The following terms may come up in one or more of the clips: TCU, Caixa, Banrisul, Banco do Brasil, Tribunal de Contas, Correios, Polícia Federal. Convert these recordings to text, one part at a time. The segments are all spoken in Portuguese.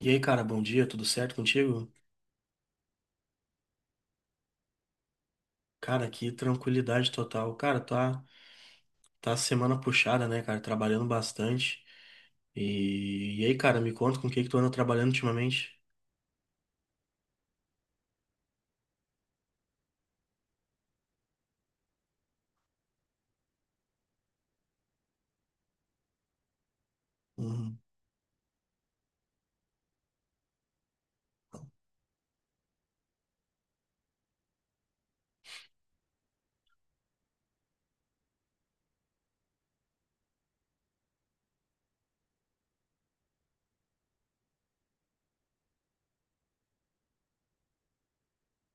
E aí, cara, bom dia, tudo certo contigo? Cara, que tranquilidade total. Cara, tá semana puxada, né, cara? Trabalhando bastante. E aí, cara, me conta com o que que tu anda trabalhando ultimamente? Uhum.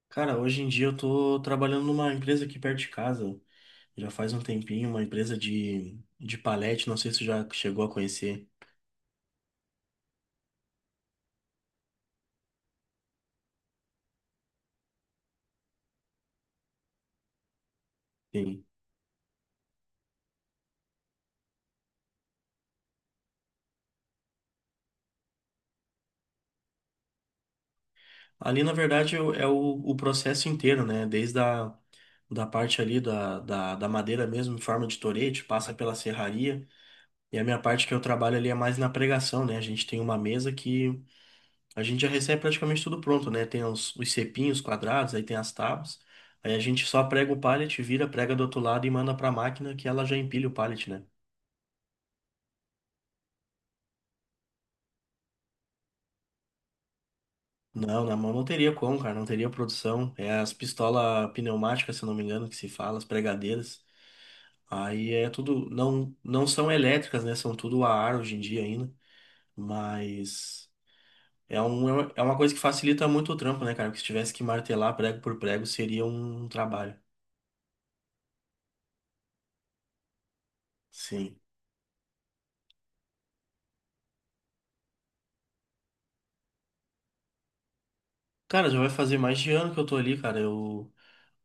Cara, hoje em dia eu tô trabalhando numa empresa aqui perto de casa. Já faz um tempinho, uma empresa de palete, não sei se tu já chegou a conhecer. Sim. Ali, na verdade, é o processo inteiro, né? Desde a da parte ali da madeira mesmo, em forma de torete, passa pela serraria. E a minha parte que eu trabalho ali é mais na pregação, né? A gente tem uma mesa que a gente já recebe praticamente tudo pronto, né? Tem os cepinhos quadrados, aí tem as tábuas. Aí a gente só prega o pallet, vira, prega do outro lado e manda pra máquina que ela já empilha o pallet, né? Não, na mão não teria como, cara, não teria produção. É as pistolas pneumáticas, se eu não me engano, que se fala, as pregadeiras. Aí é tudo, não são elétricas, né? São tudo a ar hoje em dia ainda, mas. É é uma coisa que facilita muito o trampo, né, cara? Porque se tivesse que martelar prego por prego, seria um trabalho. Sim. Cara, já vai fazer mais de ano que eu tô ali, cara. Eu,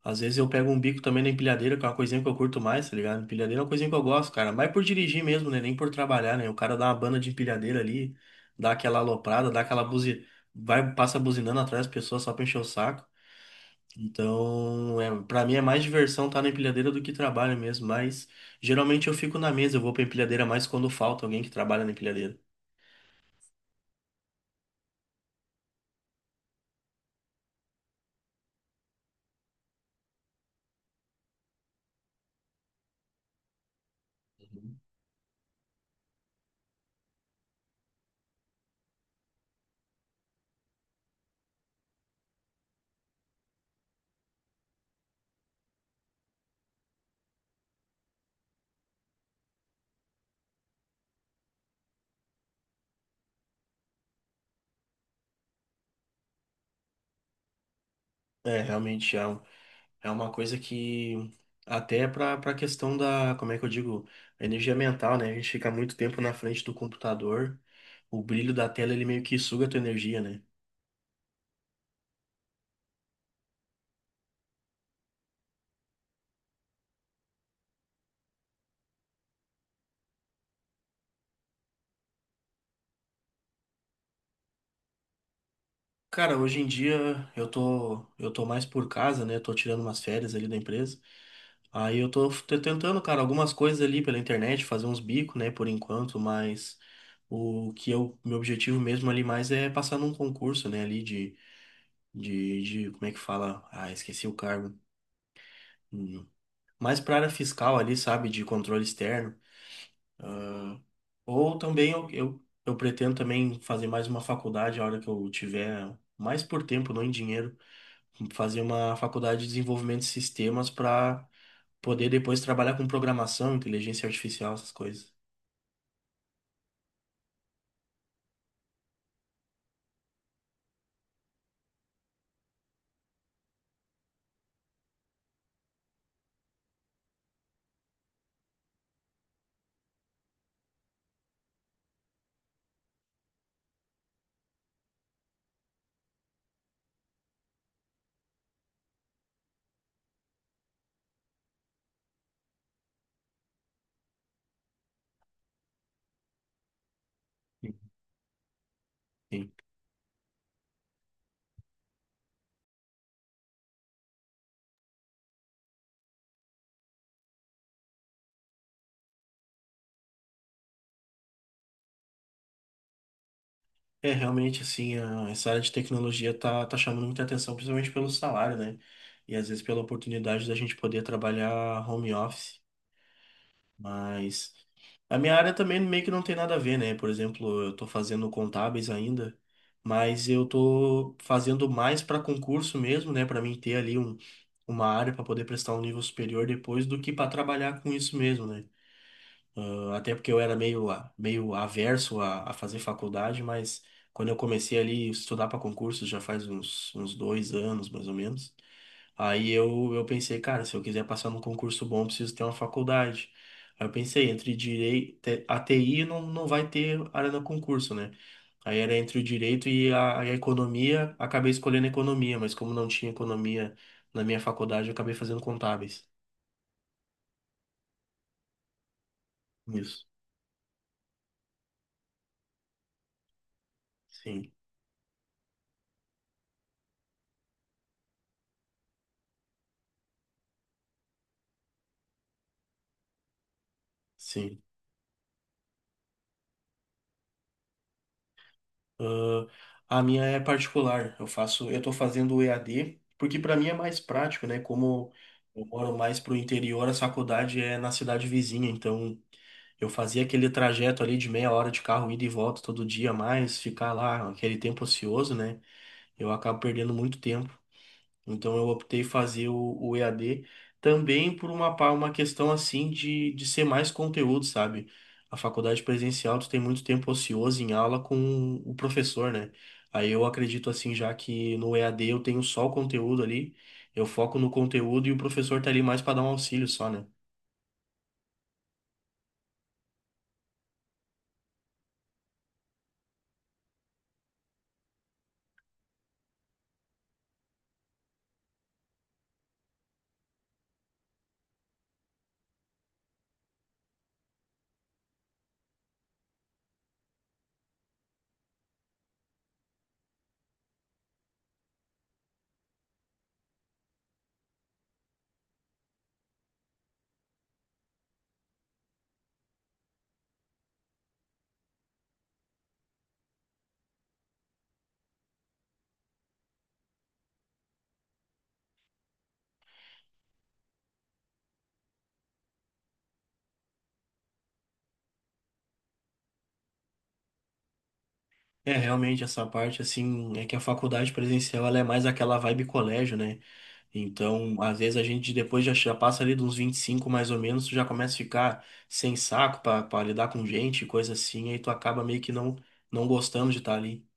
às vezes eu pego um bico também na empilhadeira, que é uma coisinha que eu curto mais, tá ligado? Empilhadeira é uma coisinha que eu gosto, cara. Mas por dirigir mesmo, né? Nem por trabalhar, né? O cara dá uma banda de empilhadeira ali, dá aquela aloprada, dá aquela buzi... vai, passa buzinando atrás das pessoas só pra encher o saco. Então, é, para mim é mais diversão estar na empilhadeira do que trabalho mesmo, mas geralmente eu fico na mesa, eu vou pra empilhadeira mais quando falta alguém que trabalha na empilhadeira. É, realmente é, é uma coisa que até para a questão da, como é que eu digo, energia mental, né? A gente fica muito tempo na frente do computador, o brilho da tela ele meio que suga a tua energia, né? Cara, hoje em dia eu tô mais por casa, né? Tô tirando umas férias ali da empresa. Aí tentando, cara, algumas coisas ali pela internet, fazer uns bicos, né, por enquanto, mas meu objetivo mesmo ali mais é passar num concurso, né, ali como é que fala? Ah, esqueci o cargo. Hum. Mais pra área fiscal ali, sabe, de controle externo. Ah, ou também eu pretendo também fazer mais uma faculdade a hora que eu tiver, mais por tempo, não em dinheiro, fazer uma faculdade de desenvolvimento de sistemas pra poder depois trabalhar com programação, inteligência artificial, essas coisas. Sim. É, realmente, assim, essa área de tecnologia tá chamando muita atenção, principalmente pelo salário, né? E às vezes pela oportunidade da gente poder trabalhar home office. Mas a minha área também meio que não tem nada a ver, né? Por exemplo, eu tô fazendo contábeis ainda, mas eu tô fazendo mais para concurso mesmo, né? Para mim ter ali um, uma área para poder prestar um nível superior depois do que para trabalhar com isso mesmo, né? Até porque eu era meio, meio averso a fazer faculdade, mas quando eu comecei ali a estudar para concurso, já faz uns 2 anos, mais ou menos, aí eu pensei, cara, se eu quiser passar num concurso bom, eu preciso ter uma faculdade. Aí eu pensei, entre direito, a TI não vai ter área no concurso, né? Aí era entre o direito e e a economia, acabei escolhendo economia, mas como não tinha economia na minha faculdade, eu acabei fazendo contábeis. Isso. Sim, sim. Ah, a minha é particular. Eu faço, eu tô fazendo o EAD, porque para mim é mais prático, né? Como eu moro mais pro interior, a faculdade é na cidade vizinha, então eu fazia aquele trajeto ali de meia hora de carro ida e volta todo dia, mais ficar lá aquele tempo ocioso, né? Eu acabo perdendo muito tempo. Então eu optei fazer o EAD também por uma, uma questão assim de ser mais conteúdo, sabe? A faculdade presencial, tu tem muito tempo ocioso em aula com o professor, né? Aí eu acredito assim, já que no EAD eu tenho só o conteúdo ali, eu foco no conteúdo e o professor tá ali mais para dar um auxílio só, né? É, realmente essa parte assim, é que a faculdade presencial ela é mais aquela vibe colégio, né? Então, às vezes a gente depois já passa ali de uns 25 mais ou menos, tu já começa a ficar sem saco pra pra lidar com gente, coisa assim, aí tu acaba meio que não, não gostando de estar ali.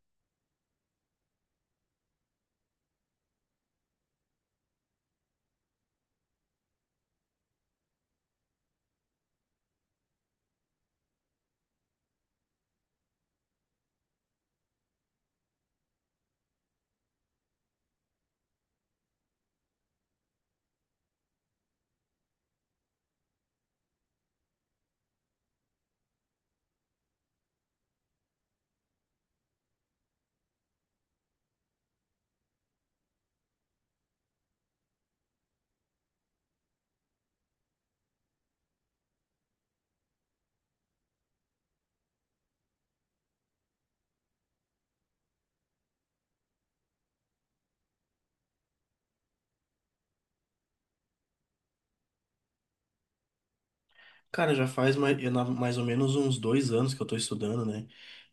Cara, já faz mais, mais ou menos uns 2 anos que eu tô estudando, né?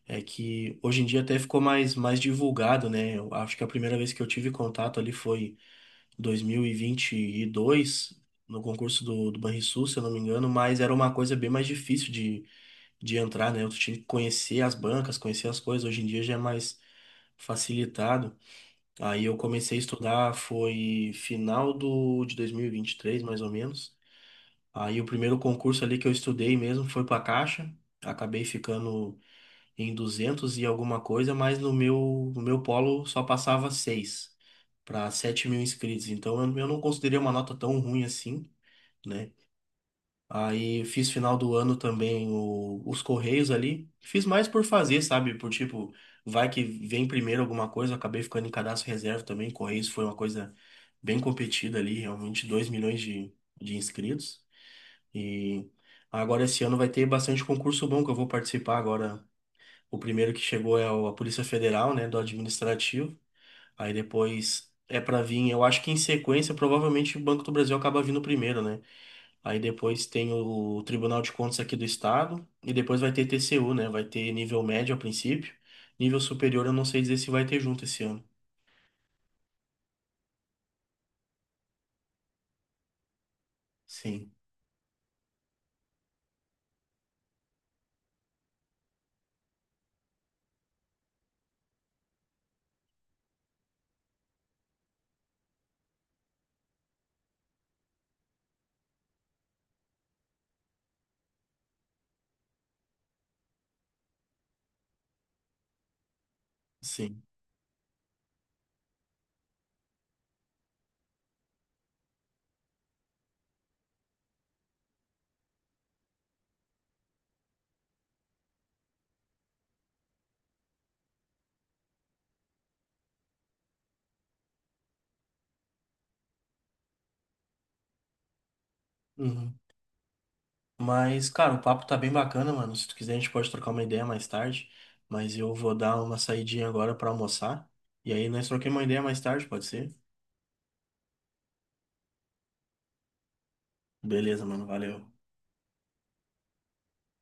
É que hoje em dia até ficou mais, mais divulgado, né? Eu acho que a primeira vez que eu tive contato ali foi dois mil e vinte e dois no concurso do Banrisul, se eu não me engano, mas era uma coisa bem mais difícil de entrar, né? Eu tinha que conhecer as bancas, conhecer as coisas. Hoje em dia já é mais facilitado. Aí eu comecei a estudar, foi final de 2023, mais ou menos. Aí o primeiro concurso ali que eu estudei mesmo foi para a Caixa. Acabei ficando em 200 e alguma coisa, mas no meu, no meu polo só passava 6 para 7 mil inscritos. Então eu não considerei uma nota tão ruim assim, né? Aí fiz final do ano também os Correios ali. Fiz mais por fazer, sabe? Por tipo, vai que vem primeiro alguma coisa. Eu Acabei ficando em cadastro reserva também. Correios foi uma coisa bem competida ali, realmente 2 milhões de inscritos. E agora esse ano vai ter bastante concurso bom que eu vou participar agora. O primeiro que chegou é a Polícia Federal, né, do administrativo. Aí depois é pra vir, eu acho que em sequência, provavelmente o Banco do Brasil acaba vindo primeiro, né? Aí depois tem o Tribunal de Contas aqui do Estado. E depois vai ter TCU, né? Vai ter nível médio a princípio. Nível superior eu não sei dizer se vai ter junto esse ano. Sim, sim. Uhum. Mas, cara, o papo tá bem bacana, mano. Se tu quiser, a gente pode trocar uma ideia mais tarde. Mas eu vou dar uma saidinha agora pra almoçar. E aí nós troquemos uma ideia mais tarde, pode ser? Beleza, mano. Valeu.